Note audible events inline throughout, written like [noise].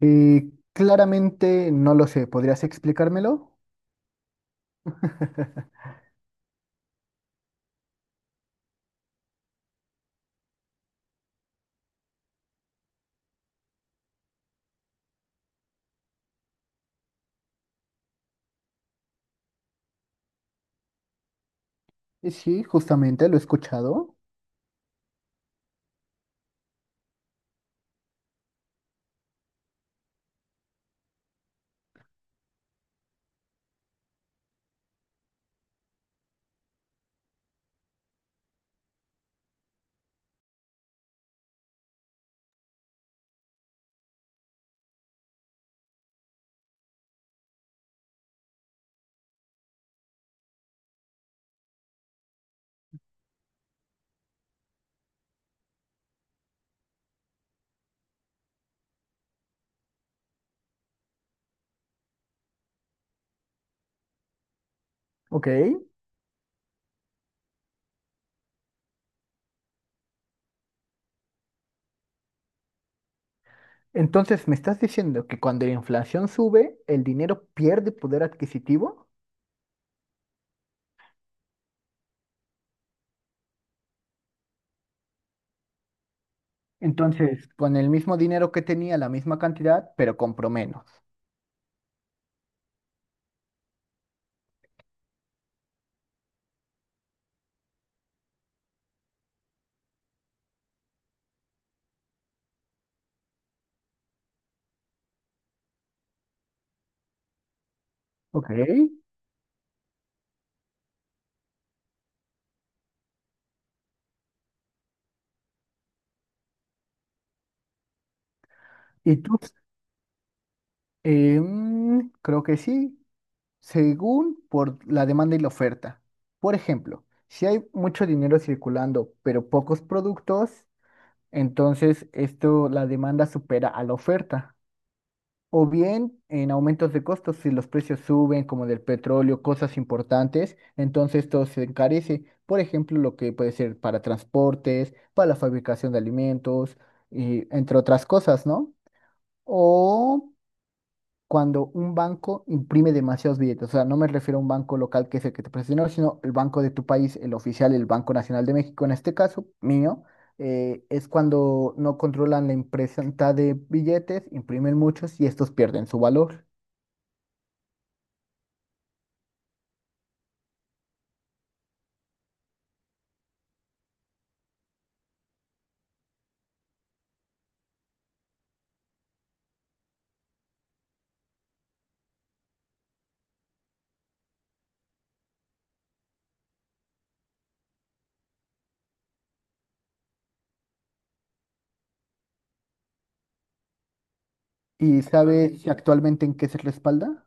Y claramente no lo sé, ¿podrías explicármelo? [laughs] Sí, justamente lo he escuchado. Ok. Entonces, ¿me estás diciendo que cuando la inflación sube, el dinero pierde poder adquisitivo? Entonces, con el mismo dinero que tenía, la misma cantidad, pero compro menos. Ok. ¿Y tú? Creo que sí, según por la demanda y la oferta. Por ejemplo, si hay mucho dinero circulando, pero pocos productos, entonces, esto, la demanda supera a la oferta. O bien en aumentos de costos, si los precios suben, como del petróleo, cosas importantes, entonces esto se encarece. Por ejemplo, lo que puede ser para transportes, para la fabricación de alimentos, y entre otras cosas, ¿no? O cuando un banco imprime demasiados billetes. O sea, no me refiero a un banco local que es el que te presta dinero, sino el banco de tu país, el oficial, el Banco Nacional de México, en este caso, mío. Es cuando no controlan la impresión de billetes, imprimen muchos y estos pierden su valor. ¿Y sabe Vale. si actualmente en qué se respalda?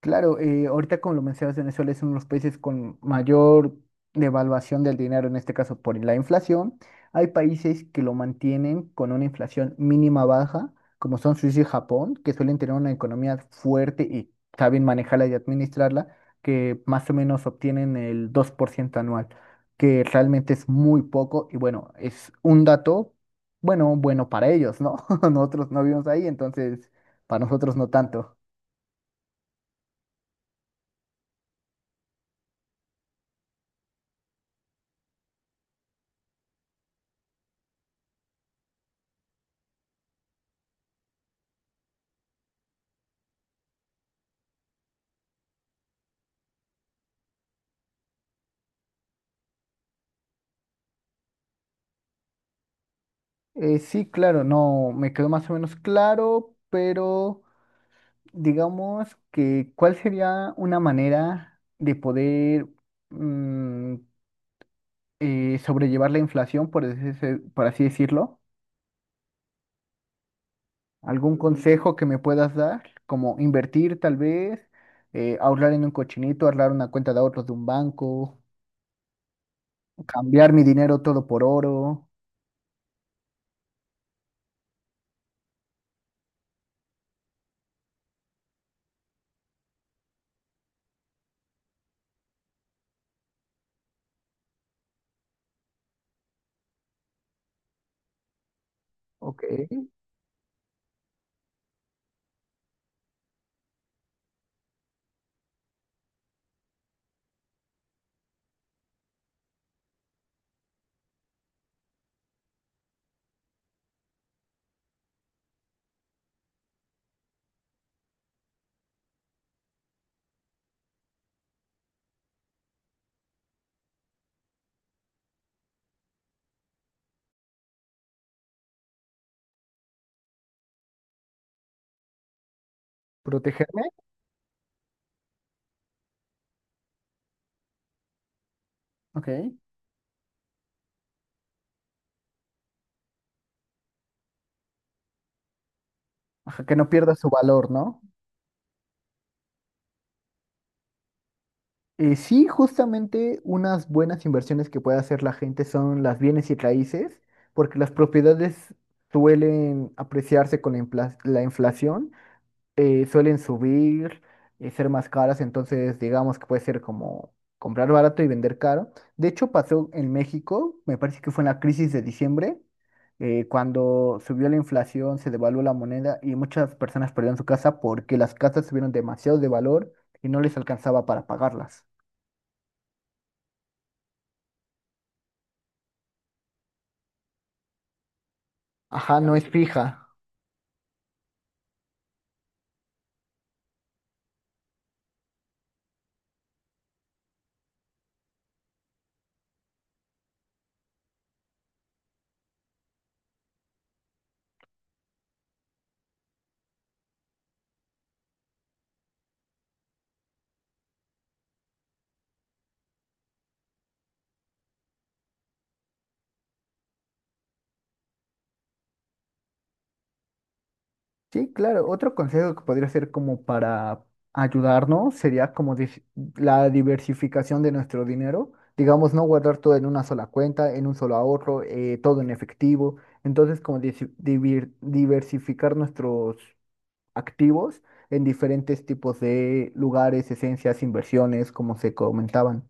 Claro, ahorita como lo mencionas, Venezuela es uno de los países con mayor devaluación del dinero, en este caso por la inflación. Hay países que lo mantienen con una inflación mínima baja, como son Suiza y Japón, que suelen tener una economía fuerte y saben manejarla y administrarla, que más o menos obtienen el 2% anual, que realmente es muy poco y bueno, es un dato, bueno, bueno para ellos, ¿no? [laughs] Nosotros no vivimos ahí, entonces para nosotros no tanto. Sí, claro, no, me quedó más o menos claro, pero digamos que, ¿cuál sería una manera de poder mm, sobrellevar la inflación, por así decirlo? ¿Algún Mm, consejo que me puedas dar? Como invertir tal vez, ahorrar en un cochinito, ahorrar una cuenta de ahorros de un banco, cambiar mi dinero todo por oro, ok, protegerme, ok, ajá, que no pierda su valor, ¿no? Sí, justamente unas buenas inversiones que puede hacer la gente son las bienes y raíces, porque las propiedades suelen apreciarse con la inflación, suelen subir, ser más caras, entonces digamos que puede ser como comprar barato y vender caro. De hecho, pasó en México, me parece que fue en la crisis de diciembre, cuando subió la inflación, se devaluó la moneda y muchas personas perdieron su casa porque las casas subieron demasiado de valor y no les alcanzaba para pagarlas. Ajá, no es fija. Sí, claro. Otro consejo que podría ser como para ayudarnos sería como la diversificación de nuestro dinero. Digamos, no guardar todo en una sola cuenta, en un solo ahorro, todo en efectivo. Entonces, como diversificar nuestros activos en diferentes tipos de lugares, esencias, inversiones, como se comentaban.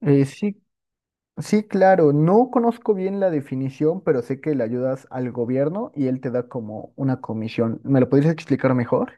Eh, sí, Sí, claro, no conozco bien la definición, pero sé que le ayudas al gobierno y él te da como una comisión. ¿Me lo podrías explicar mejor?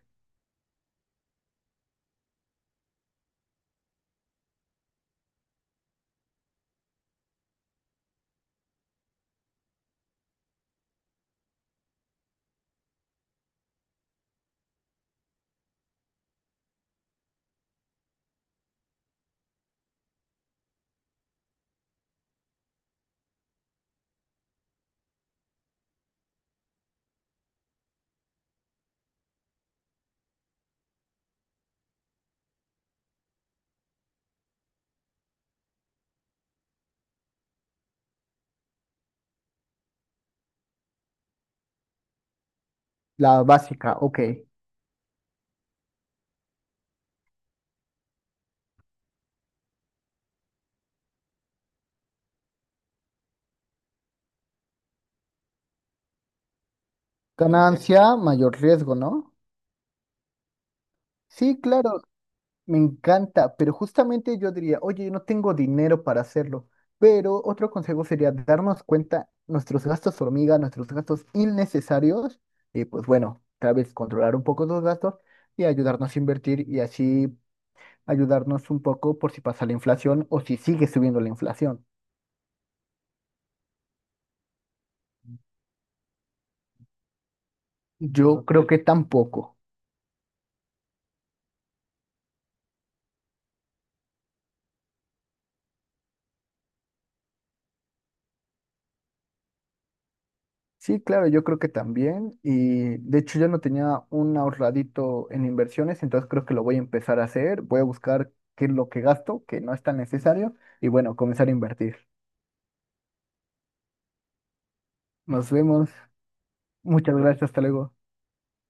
La básica, ok. Ganancia, mayor riesgo, ¿no? Sí, claro, me encanta, pero justamente yo diría, oye, no tengo dinero para hacerlo, pero otro consejo sería darnos cuenta nuestros gastos hormiga, nuestros gastos innecesarios, y pues bueno, tal vez controlar un poco los gastos y ayudarnos a invertir y así ayudarnos un poco por si pasa la inflación o si sigue subiendo la inflación. Yo creo Ok. que tampoco. Sí, claro, yo creo que también. Y de hecho yo no tenía un ahorradito en inversiones, entonces creo que lo voy a empezar a hacer. Voy a buscar qué es lo que gasto, que no es tan necesario, y bueno, comenzar a invertir. Nos vemos. Muchas gracias, hasta luego.